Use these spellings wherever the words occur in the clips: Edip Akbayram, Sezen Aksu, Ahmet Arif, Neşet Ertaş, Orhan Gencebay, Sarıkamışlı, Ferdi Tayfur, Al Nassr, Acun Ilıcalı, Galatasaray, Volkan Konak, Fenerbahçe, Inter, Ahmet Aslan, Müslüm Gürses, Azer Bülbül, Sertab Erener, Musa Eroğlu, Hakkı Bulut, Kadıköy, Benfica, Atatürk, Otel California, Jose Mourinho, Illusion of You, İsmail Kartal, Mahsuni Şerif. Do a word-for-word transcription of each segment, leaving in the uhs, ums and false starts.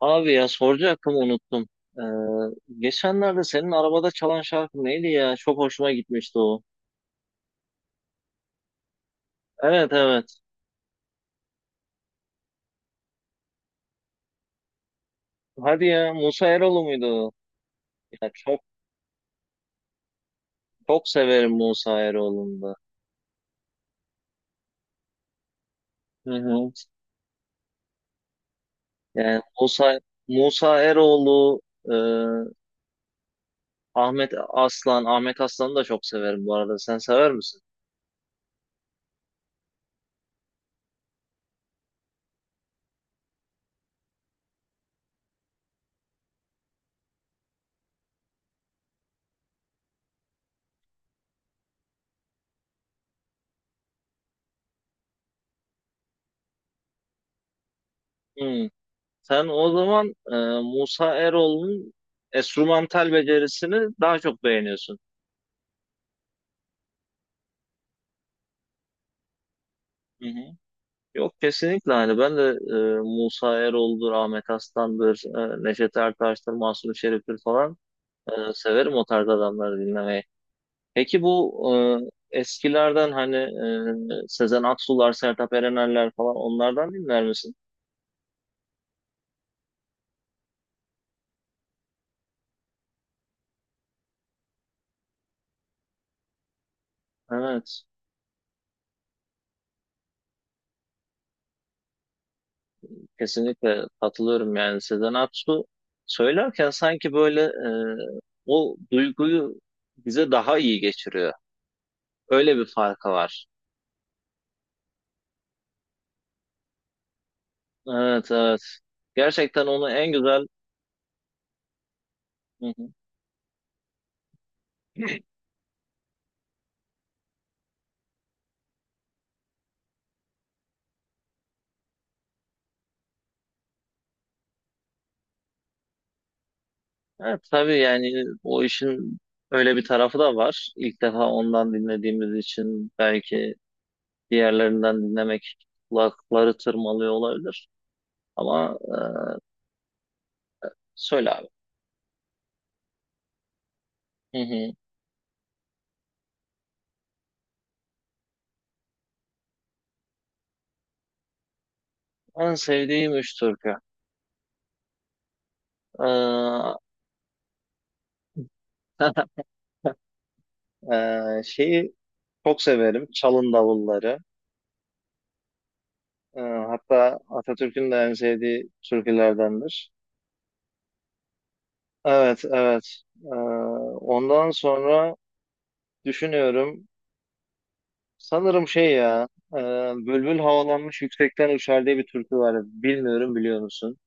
Abi ya soracaktım unuttum. Ee, geçenlerde senin arabada çalan şarkı neydi ya? Çok hoşuma gitmişti o. Evet evet. Hadi ya Musa Eroğlu muydu o? Ya çok çok severim Musa Eroğlu'nu da. Hı hı. Yani Musa Musa Eroğlu, e, Ahmet Aslan, Ahmet Aslan'ı da çok severim bu arada. Sen sever misin? Hmm. Sen o zaman e, Musa Eroğlu'nun enstrümantal becerisini daha çok beğeniyorsun. Hı hı. Yok kesinlikle hani ben de e, Musa Eroğlu'dur, Ahmet Aslan'dır, e, Neşet Ertaş'tır, Mahsuni Şerif'tir falan e, severim o tarz adamları dinlemeyi. Peki bu e, eskilerden hani e, Sezen Aksu'lar, Sertab Erener'ler falan onlardan dinler misin? Evet, kesinlikle katılıyorum yani Sezen Aksu söylerken sanki böyle e, o duyguyu bize daha iyi geçiriyor. Öyle bir farkı var. Evet, evet. Gerçekten onu en güzel... Hı hı. Evet tabii yani o işin öyle bir tarafı da var. İlk defa ondan dinlediğimiz için belki diğerlerinden dinlemek kulakları tırmalıyor olabilir. Ama e, söyle abi. Hı hı. En sevdiğim üç türkü. Ee, e, şeyi çok severim. Çalın davulları. Ee, hatta Atatürk'ün de en sevdiği türkülerdendir. Evet, evet. Ee, ondan sonra düşünüyorum. Sanırım şey ya, e, bülbül havalanmış yüksekten uçar diye bir türkü var. Bilmiyorum biliyor musun?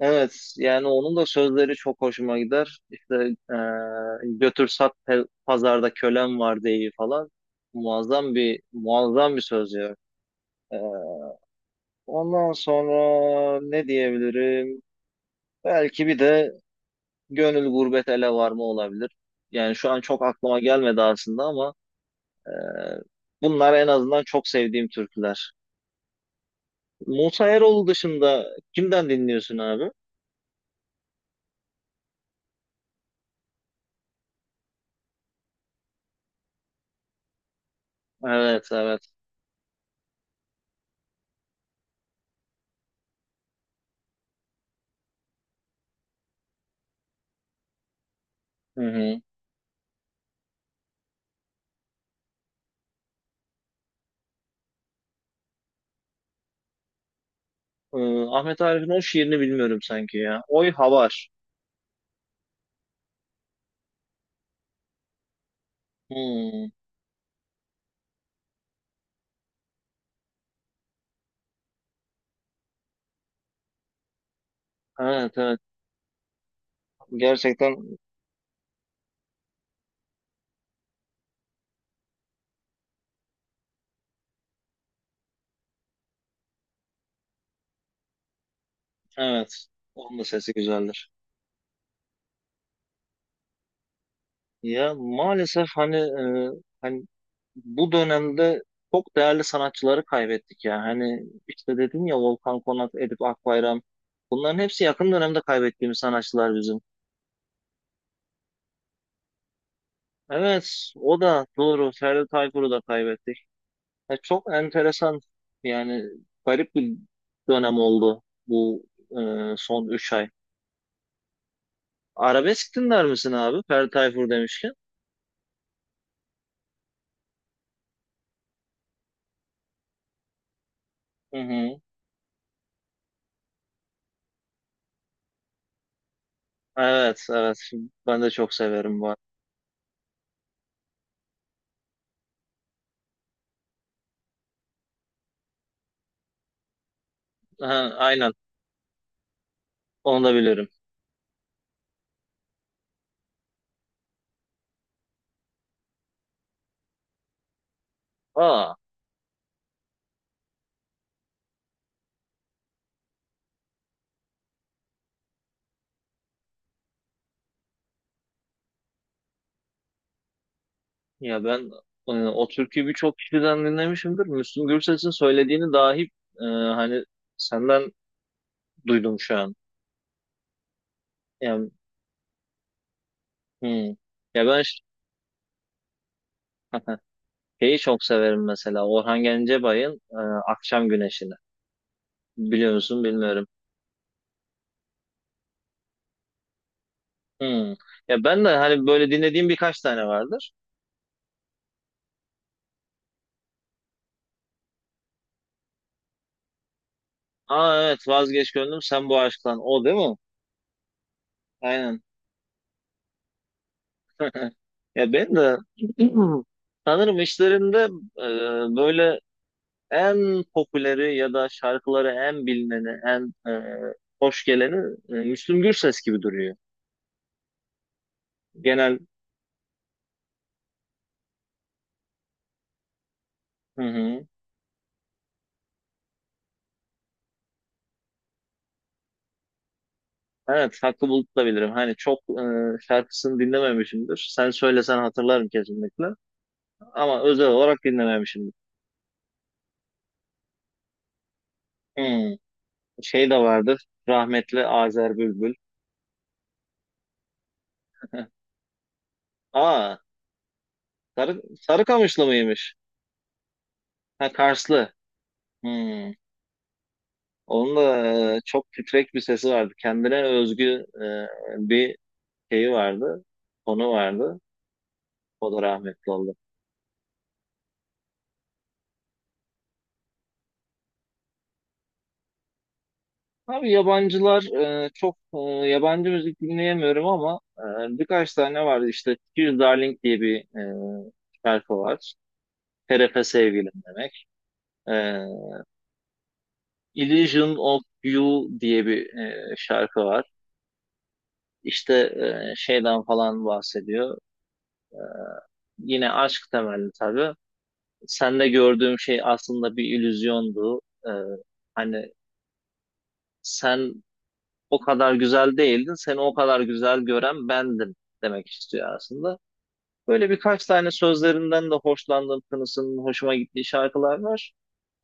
Evet, yani onun da sözleri çok hoşuma gider. İşte e, götür sat pe- pazarda kölem var diye falan. Muazzam bir muazzam bir söz ya. E, ondan sonra ne diyebilirim? Belki bir de gönül gurbet ele varma olabilir. Yani şu an çok aklıma gelmedi aslında ama e, bunlar en azından çok sevdiğim türküler. Musa Eroğlu dışında kimden dinliyorsun abi? Evet evet. Hı hı. Ee, Ahmet Arif'in o şiirini bilmiyorum sanki ya. Oy Havar. Hmm. Evet evet. Gerçekten evet. Onun da sesi güzeldir. Ya maalesef hani e, hani bu dönemde çok değerli sanatçıları kaybettik ya. Hani işte dedin ya Volkan Konak, Edip Akbayram. Bunların hepsi yakın dönemde kaybettiğimiz sanatçılar bizim. Evet, o da doğru. Ferdi Tayfur'u da kaybettik. Ya çok enteresan yani garip bir dönem oldu bu e, son üç ay. Arabesk dinler misin abi? Ferdi Tayfur demişken. Hı hı. Evet evet ben de çok severim var. Ha, aynen onu da bilirim. Aa ya ben e, o türküyü birçok kişiden dinlemişimdir. Müslüm Gürses'in söylediğini dahi e, hani senden duydum şu an. Yani, hı. Ya ben ş- şeyi çok severim mesela Orhan Gencebay'ın e, Akşam Güneşi'ni. Biliyor musun bilmiyorum. Hmm. Ya ben de hani böyle dinlediğim birkaç tane vardır. Aa evet vazgeç gönlüm sen bu aşktan. O değil mi? Aynen. Ya ben de sanırım işlerinde e, böyle en popüleri ya da şarkıları en bilineni, en e, hoş geleni e, Müslüm Gürses gibi duruyor. Genel hı hı. Evet Hakkı Bulut da bilirim. Hani çok e, şarkısını dinlememişimdir. Sen söylesen hatırlarım kesinlikle. Ama özel olarak dinlememişimdir. Hmm. Şey de vardır. Rahmetli Azer Bülbül. Aa, Sarı, Sarıkamışlı mıymış? Ha, Karslı. Hmm. Onun da e, çok titrek bir sesi vardı. Kendine özgü e, bir şeyi vardı. Tonu vardı. O da rahmetli oldu. Abi yabancılar e, çok e, yabancı müzik dinleyemiyorum ama e, birkaç tane vardı. İşte Tears Darling diye bir e, şarkı var. T R F sevgilim demek. E, Illusion of You diye bir e, şarkı var. İşte e, şeyden falan bahsediyor. Yine aşk temelli tabii. Sende gördüğüm şey aslında bir illüzyondu. E, hani sen o kadar güzel değildin, seni o kadar güzel gören bendim demek istiyor aslında. Böyle birkaç tane sözlerinden de hoşlandığım, tınısının hoşuma gittiği şarkılar var.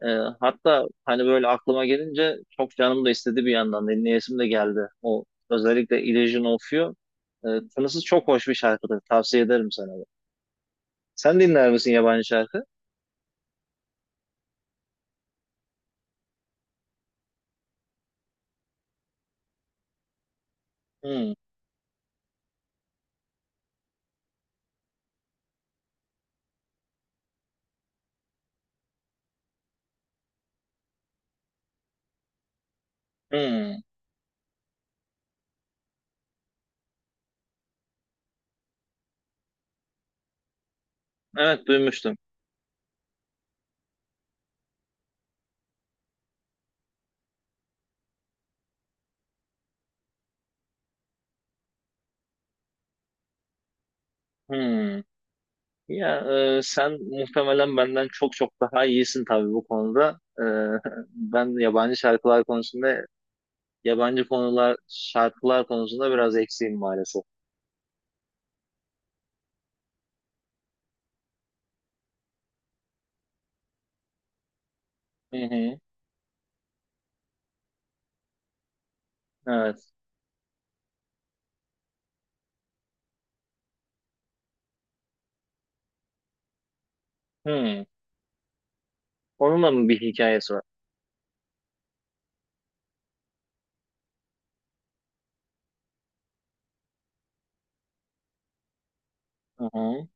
E, hatta hani böyle aklıma gelince çok canım da istedi bir yandan. Dinleyesim de geldi. O özellikle Illusion of You. E, tınısı çok hoş bir şarkıdır. Tavsiye ederim sana. Sen dinler misin yabancı şarkı? Hmm, hmm. Evet duymuştum. Hmm. Ya e, sen muhtemelen benden çok çok daha iyisin tabii bu konuda. E, ben yabancı şarkılar konusunda, yabancı konular, şarkılar konusunda biraz eksiğim maalesef. Hı hı. Evet. Hmm. Onunla mı bir hikayesi var? Hı hı.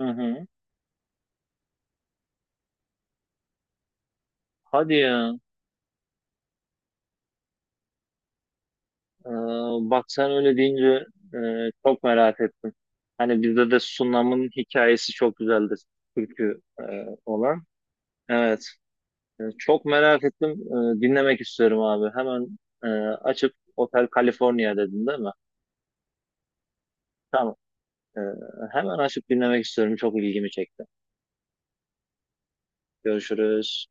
Hı hı. Hadi ya. Ee, bak sen öyle deyince e, çok merak ettim. Hani bizde de Sunam'ın hikayesi çok güzeldir. Türkü e, olan. Evet. E, çok merak ettim. E, dinlemek istiyorum abi. Hemen e, açıp Otel California dedin değil mi? Tamam. E, hemen açıp dinlemek istiyorum. Çok ilgimi çekti. Görüşürüz.